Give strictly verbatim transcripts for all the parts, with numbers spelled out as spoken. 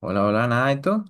Hola, hola, nada, ¿y tú?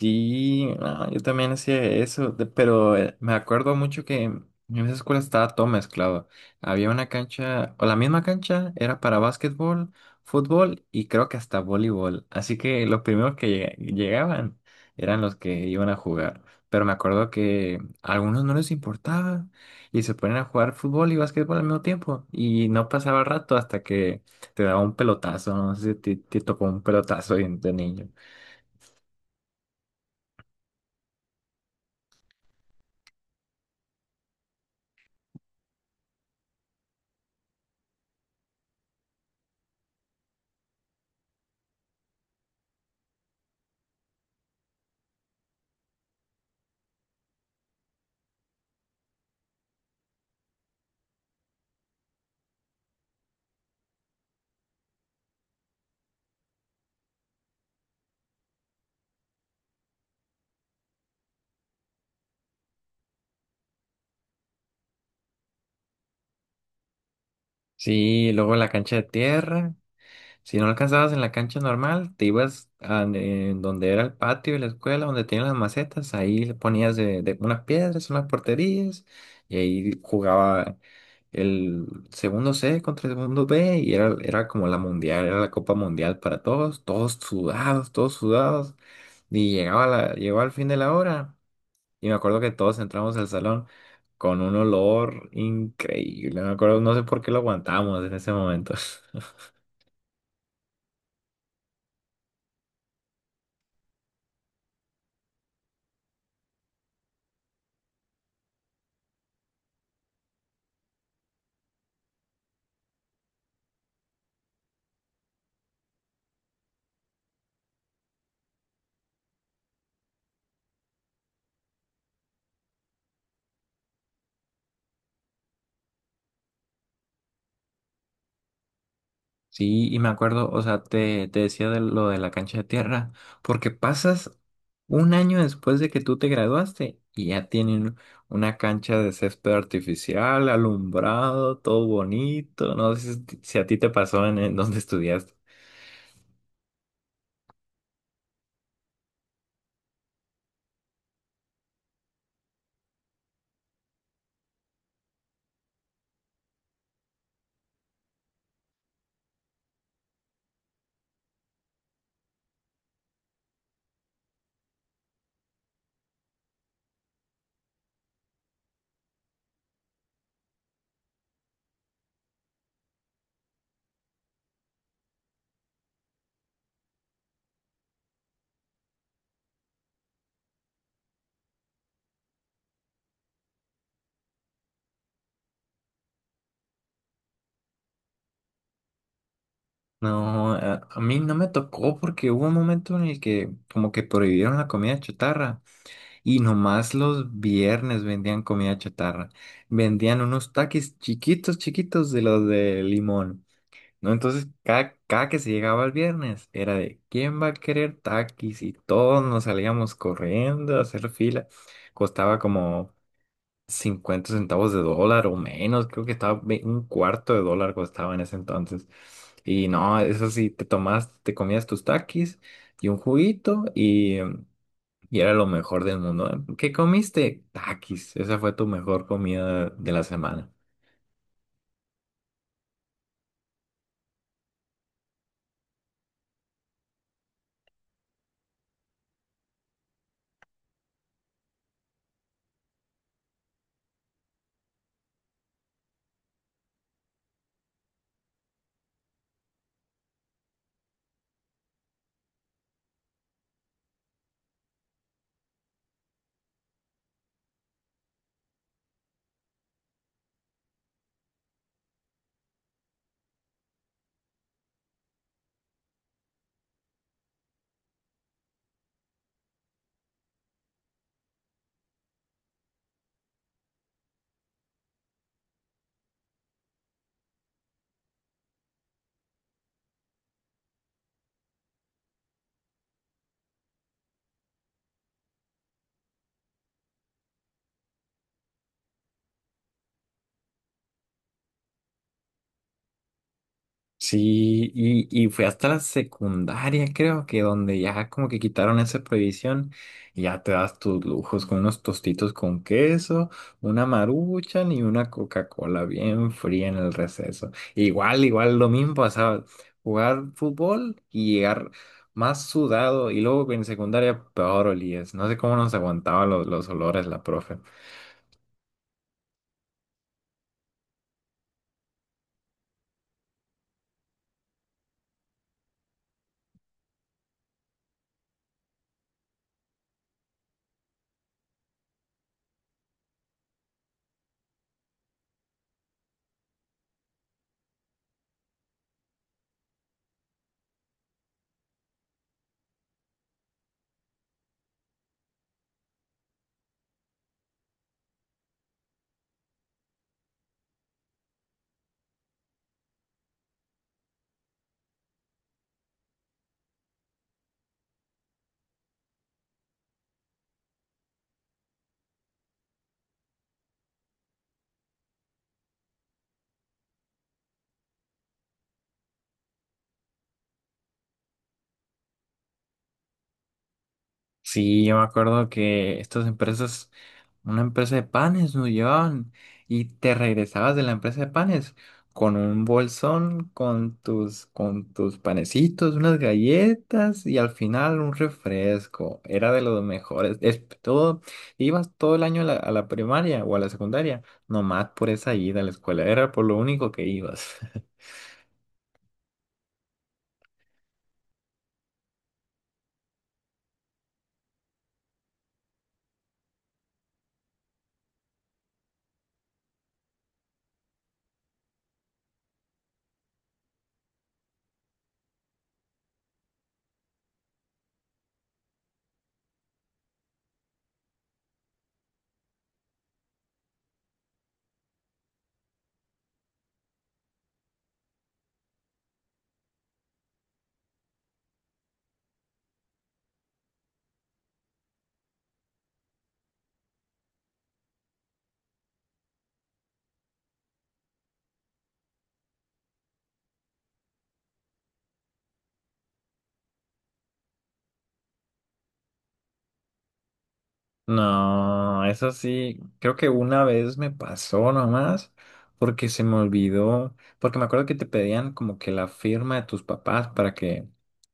Sí, ah, yo también hacía eso, de- pero eh, me acuerdo mucho que en esa escuela estaba todo mezclado. Había una cancha, o la misma cancha, era para básquetbol, fútbol y creo que hasta voleibol. Así que los primeros que llega- llegaban eran los que iban a jugar. Pero me acuerdo que a algunos no les importaba y se ponían a jugar fútbol y básquetbol al mismo tiempo. Y no pasaba el rato hasta que te daba un pelotazo, no sé si te, te tocó un pelotazo de de niño. Sí, luego la cancha de tierra. Si no alcanzabas en la cancha normal, te ibas a en donde era el patio de la escuela, donde tenían las macetas, ahí le ponías de, de unas piedras, unas porterías, y ahí jugaba el segundo C contra el segundo B, y era, era como la mundial, era la Copa Mundial para todos, todos sudados, todos sudados, y llegaba la, llegó al fin de la hora. Y me acuerdo que todos entramos al salón con un olor increíble. Me acuerdo, no sé por qué lo aguantamos en ese momento. Sí, y me acuerdo, o sea, te, te decía de lo de la cancha de tierra, porque pasas un año después de que tú te graduaste y ya tienen una cancha de césped artificial, alumbrado, todo bonito. No sé si, si a ti te pasó en, en donde estudiaste. No, a, a mí no me tocó porque hubo un momento en el que como que prohibieron la comida chatarra. Y nomás los viernes vendían comida chatarra. Vendían unos taquis chiquitos, chiquitos de los de limón, ¿no? Entonces, cada, cada que se llegaba el viernes, era de ¿quién va a querer taquis? Y todos nos salíamos corriendo a hacer fila. Costaba como cincuenta centavos de dólar o menos. Creo que estaba ve- un cuarto de dólar costaba en ese entonces. Y no, eso sí, te tomas, te comías tus taquis y un juguito y era lo mejor del mundo. ¿Qué comiste? Takis. Esa fue tu mejor comida de la semana. Sí, y, y fue hasta la secundaria, creo que donde ya como que quitaron esa prohibición y ya te das tus lujos con unos tostitos con queso, una maruchan y una Coca-Cola bien fría en el receso. Igual, igual lo mismo pasaba, jugar fútbol y llegar más sudado y luego en secundaria peor olías. No sé cómo nos aguantaba los, los olores la profe. Sí, yo me acuerdo que estas empresas, una empresa de panes nos llevaban y te regresabas de la empresa de panes con un bolsón, con tus, con tus panecitos, unas galletas y al final un refresco. Era de los mejores. Es todo, ibas todo el año a la, a la primaria o a la secundaria, nomás por esa ida a la escuela. Era por lo único que ibas. No, eso sí, creo que una vez me pasó nomás porque se me olvidó, porque me acuerdo que te pedían como que la firma de tus papás para que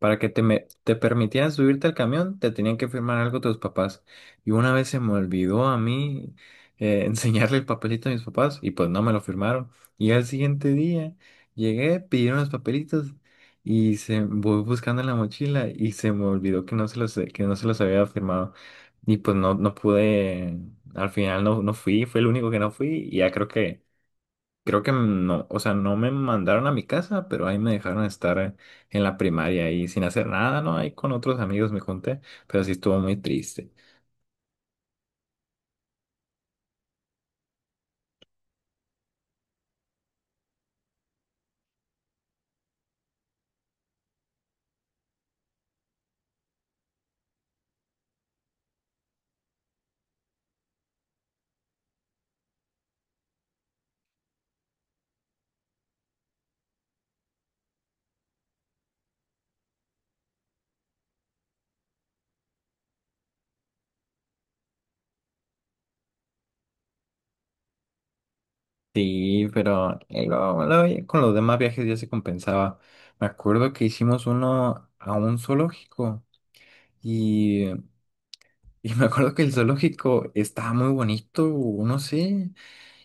para que te me- te permitieran subirte al camión, te tenían que firmar algo tus papás. Y una vez se me olvidó a mí eh, enseñarle el papelito a mis papás y pues no me lo firmaron. Y al siguiente día llegué, pidieron los papelitos y se voy buscando en la mochila y se me olvidó que no se los que no se los había firmado. Y pues no, no pude, al final no, no fui, fue el único que no fui y ya creo que, creo que no, o sea, no me mandaron a mi casa, pero ahí me dejaron estar en la primaria y sin hacer nada, ¿no? Ahí con otros amigos me junté, pero sí estuvo muy triste. Sí, pero eh, luego- luego ya con los demás viajes ya se compensaba. Me acuerdo que hicimos uno a un zoológico y, y me acuerdo que el zoológico estaba muy bonito, no sé.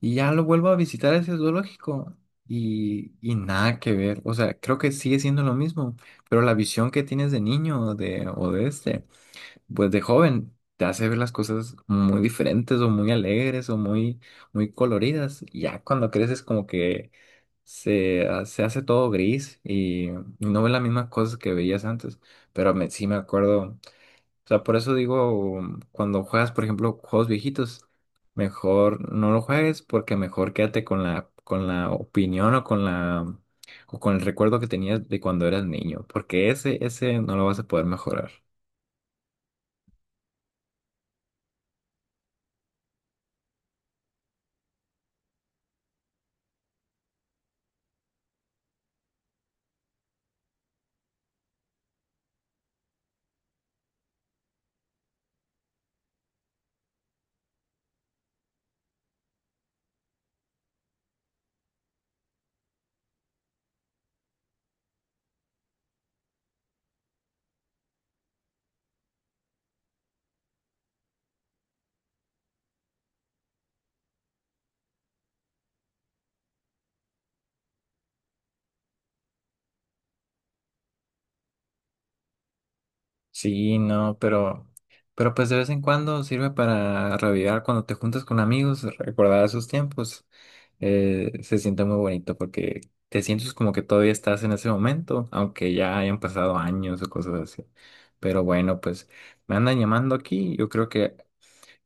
Y ya lo vuelvo a visitar a ese zoológico y, y nada que ver. O sea, creo que sigue siendo lo mismo, pero la visión que tienes de niño o de, o de este, pues de joven, te hace ver las cosas muy diferentes o muy alegres o muy, muy coloridas. Y ya cuando creces como que se, ha- se hace todo gris y, y no ves las mismas cosas que veías antes. Pero me, sí me acuerdo. O sea, por eso digo, cuando juegas, por ejemplo, juegos viejitos, mejor no lo juegues porque mejor quédate con la, con la opinión o con la, o con el recuerdo que tenías de cuando eras niño, porque ese, ese no lo vas a poder mejorar. Sí, no, pero, pero pues de vez en cuando sirve para revivir cuando te juntas con amigos, recordar esos tiempos. Eh, se siente muy bonito porque te sientes como que todavía estás en ese momento, aunque ya hayan pasado años o cosas así. Pero bueno, pues me andan llamando aquí, yo creo que,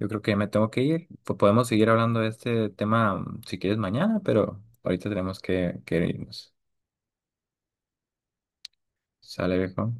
yo creo que me tengo que ir. Pues podemos seguir hablando de este tema mm, si quieres mañana, pero ahorita tenemos que, que irnos. ¿Sale, viejo?